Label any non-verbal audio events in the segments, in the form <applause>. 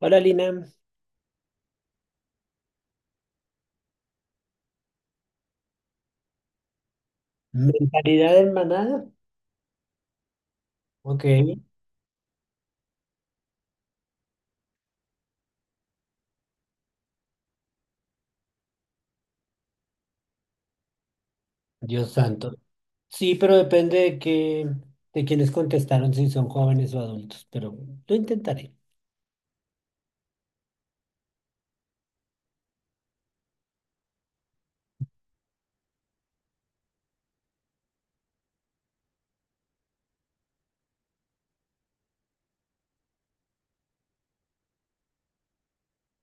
Hola Lina, mentalidad en manada. Ok. Dios santo. Sí, pero depende de quienes contestaron, si son jóvenes o adultos, pero lo intentaré.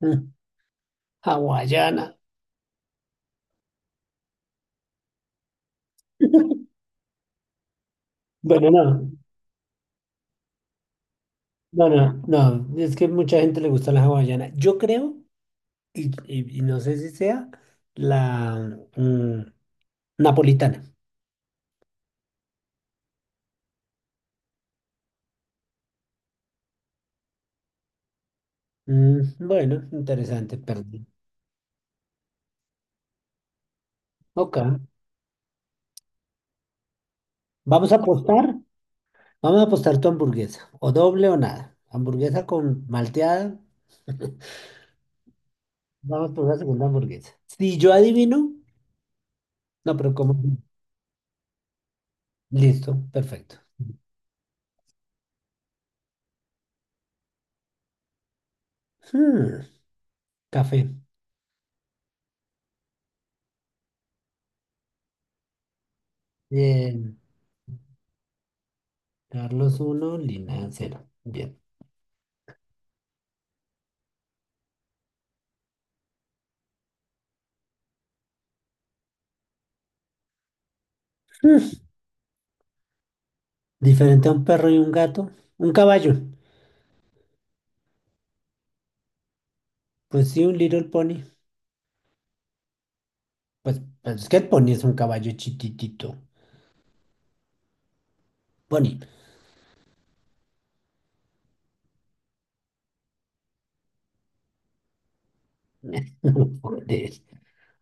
Mm, Hawaiana. <laughs> Bueno, no, no, es que mucha gente le gusta la hawaiana. Yo creo, y no sé si sea, la mm, napolitana. Mm, bueno, interesante, perdí. Ok, vamos a apostar. Vamos a apostar tu hamburguesa, o doble o nada. Hamburguesa con malteada. <laughs> Vamos por la segunda hamburguesa. Si yo adivino, no, pero como... Listo, perfecto. Hmm, Café. Bien. Carlos uno, Lina cero. Bien. Hmm, Diferente a un perro y un gato. Un caballo. Pues sí, un little pony. Pues, pues es que el pony es un caballo chiquitito. Pony. <laughs> Joder.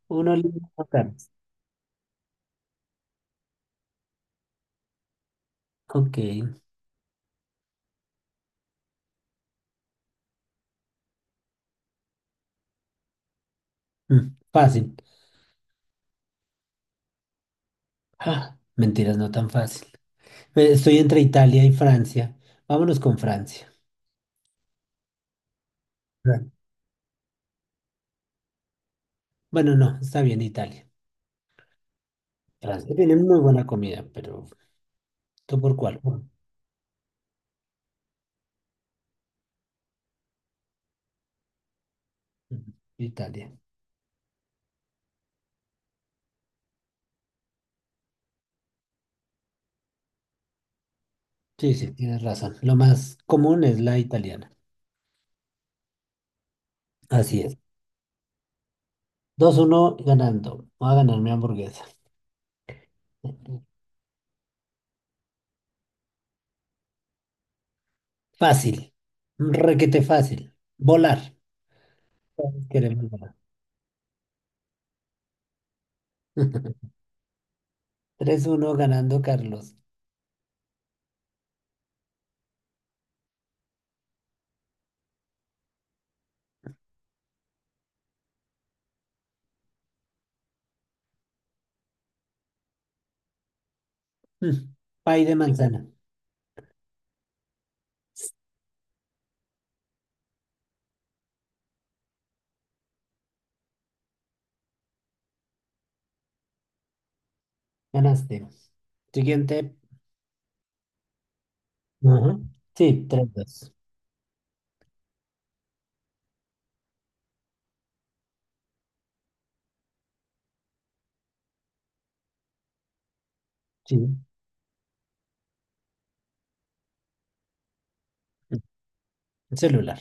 Uno lindo, Carlos. Ok. Fácil. Ah, mentiras, no tan fácil. Estoy entre Italia y Francia. Vámonos con Francia. Fra- Bueno, no, está bien Italia. Francia tiene muy buena comida, pero ¿tú por cuál? Ujú. Italia. Sí, sí, tienes razón. Lo más común es la italiana. Así es. Dos uno ganando. Voy a ganar mi hamburguesa. Fácil. Requete fácil. Volar. Todos queremos volar. <laughs> Tres uno ganando Carlos. Mm, Pay de manzana. Ganaste. Siguiente. Ajá. Sí, tres, dos. Sí. El celular.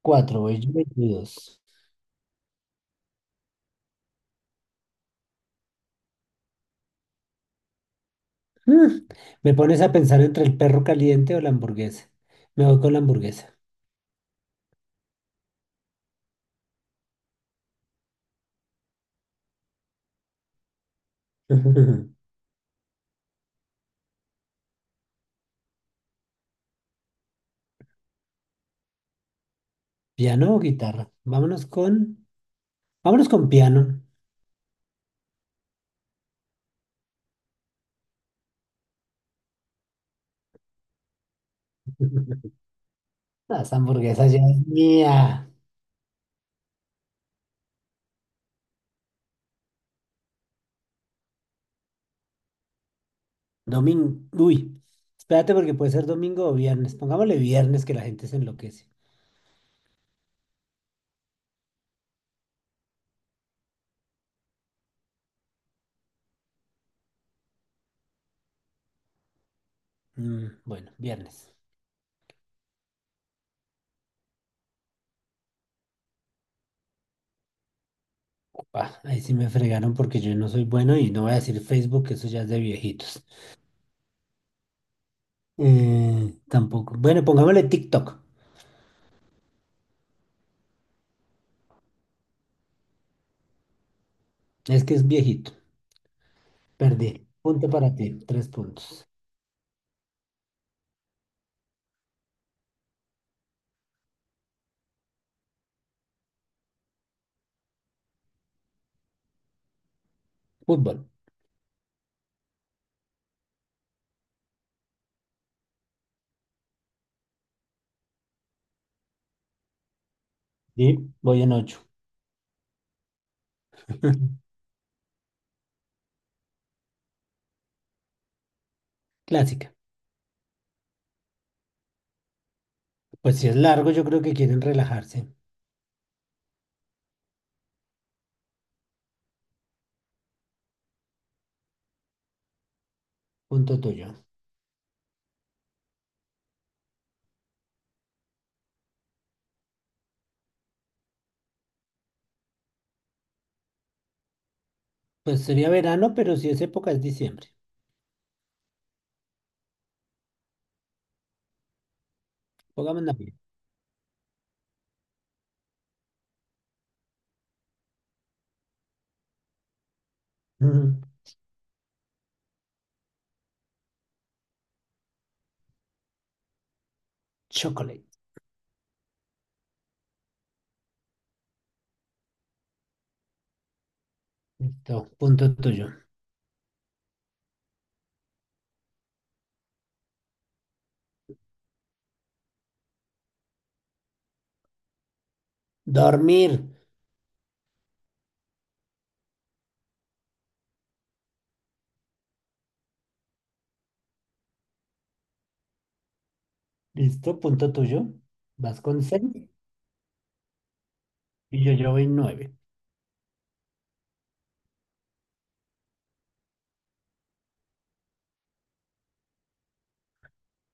Cuatro, voy yo, 22. Mm, Me pones a pensar entre el perro caliente o la hamburguesa. Me voy con la hamburguesa. <laughs> ¿Piano o guitarra? Vámonos con piano. <laughs> Las hamburguesas ya es mía. Domingo. Uy, espérate porque puede ser domingo o viernes. Pongámosle viernes que la gente se enloquece. Mm, bueno, viernes. Ah, ahí sí me fregaron porque yo no soy bueno y no voy a decir Facebook, que eso ya es de viejitos. Tampoco. Bueno, pongámosle TikTok. Es que es viejito. Perdí. Punto para ti. Tres puntos. Fútbol. Y voy en ocho. <laughs> Clásica. Pues si es largo, yo creo que quieren relajarse. Punto tuyo. Pues sería verano, pero si es época es diciembre. Pongamos Navidad. Ujú. Chocolate. Listo. Punto tuyo. Dormir. Listo. Punto tuyo. Vas con seis y yo voy nueve.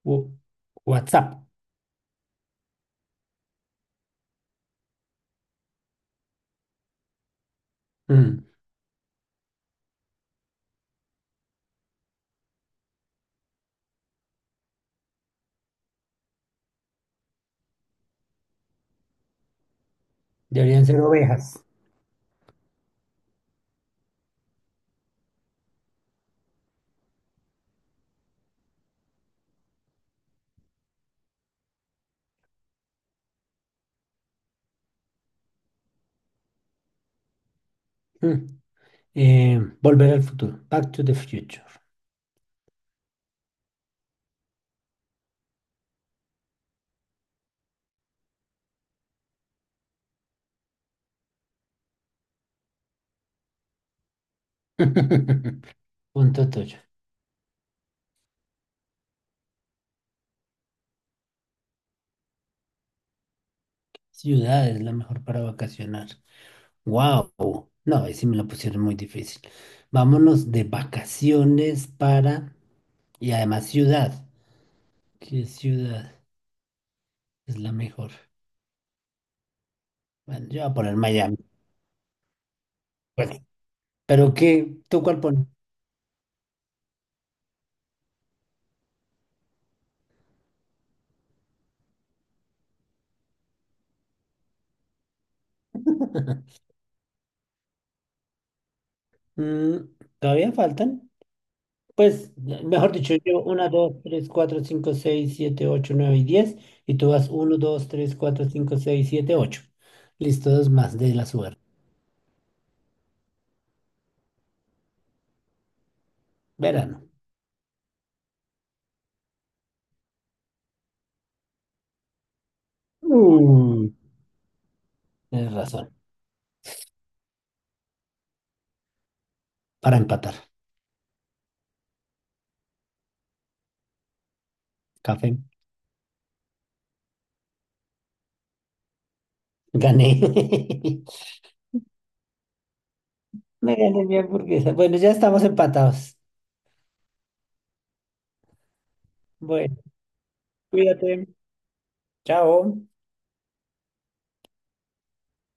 Wo- WhatsApp. Mm. Deberían ser ovejas. Mm. Volver al futuro. Back to the future. <laughs> Punto toyo. Ciudad es la mejor para vacacionar. Wow. No, ahí sí me la pusieron muy difícil. Vámonos de vacaciones para... Y además ciudad. ¿Qué ciudad es la mejor? Bueno, yo voy a poner Miami. Pues, ¿pero qué? ¿Tú cuál pones? <laughs> Mm, ¿todavía faltan? Pues, mejor dicho, yo uno, 2, 3, 4, 5, 6, 7, 8, 9 y diez. Y tú vas uno, dos, tres, cuatro, cinco, seis, siete, ocho. Listo, dos más de la suerte. Verano. Uh, tienes razón. Para empatar. Café. Gané. <laughs> Me gané mi hamburguesa. Bueno, ya estamos empatados. Bueno, cuídate. Chao.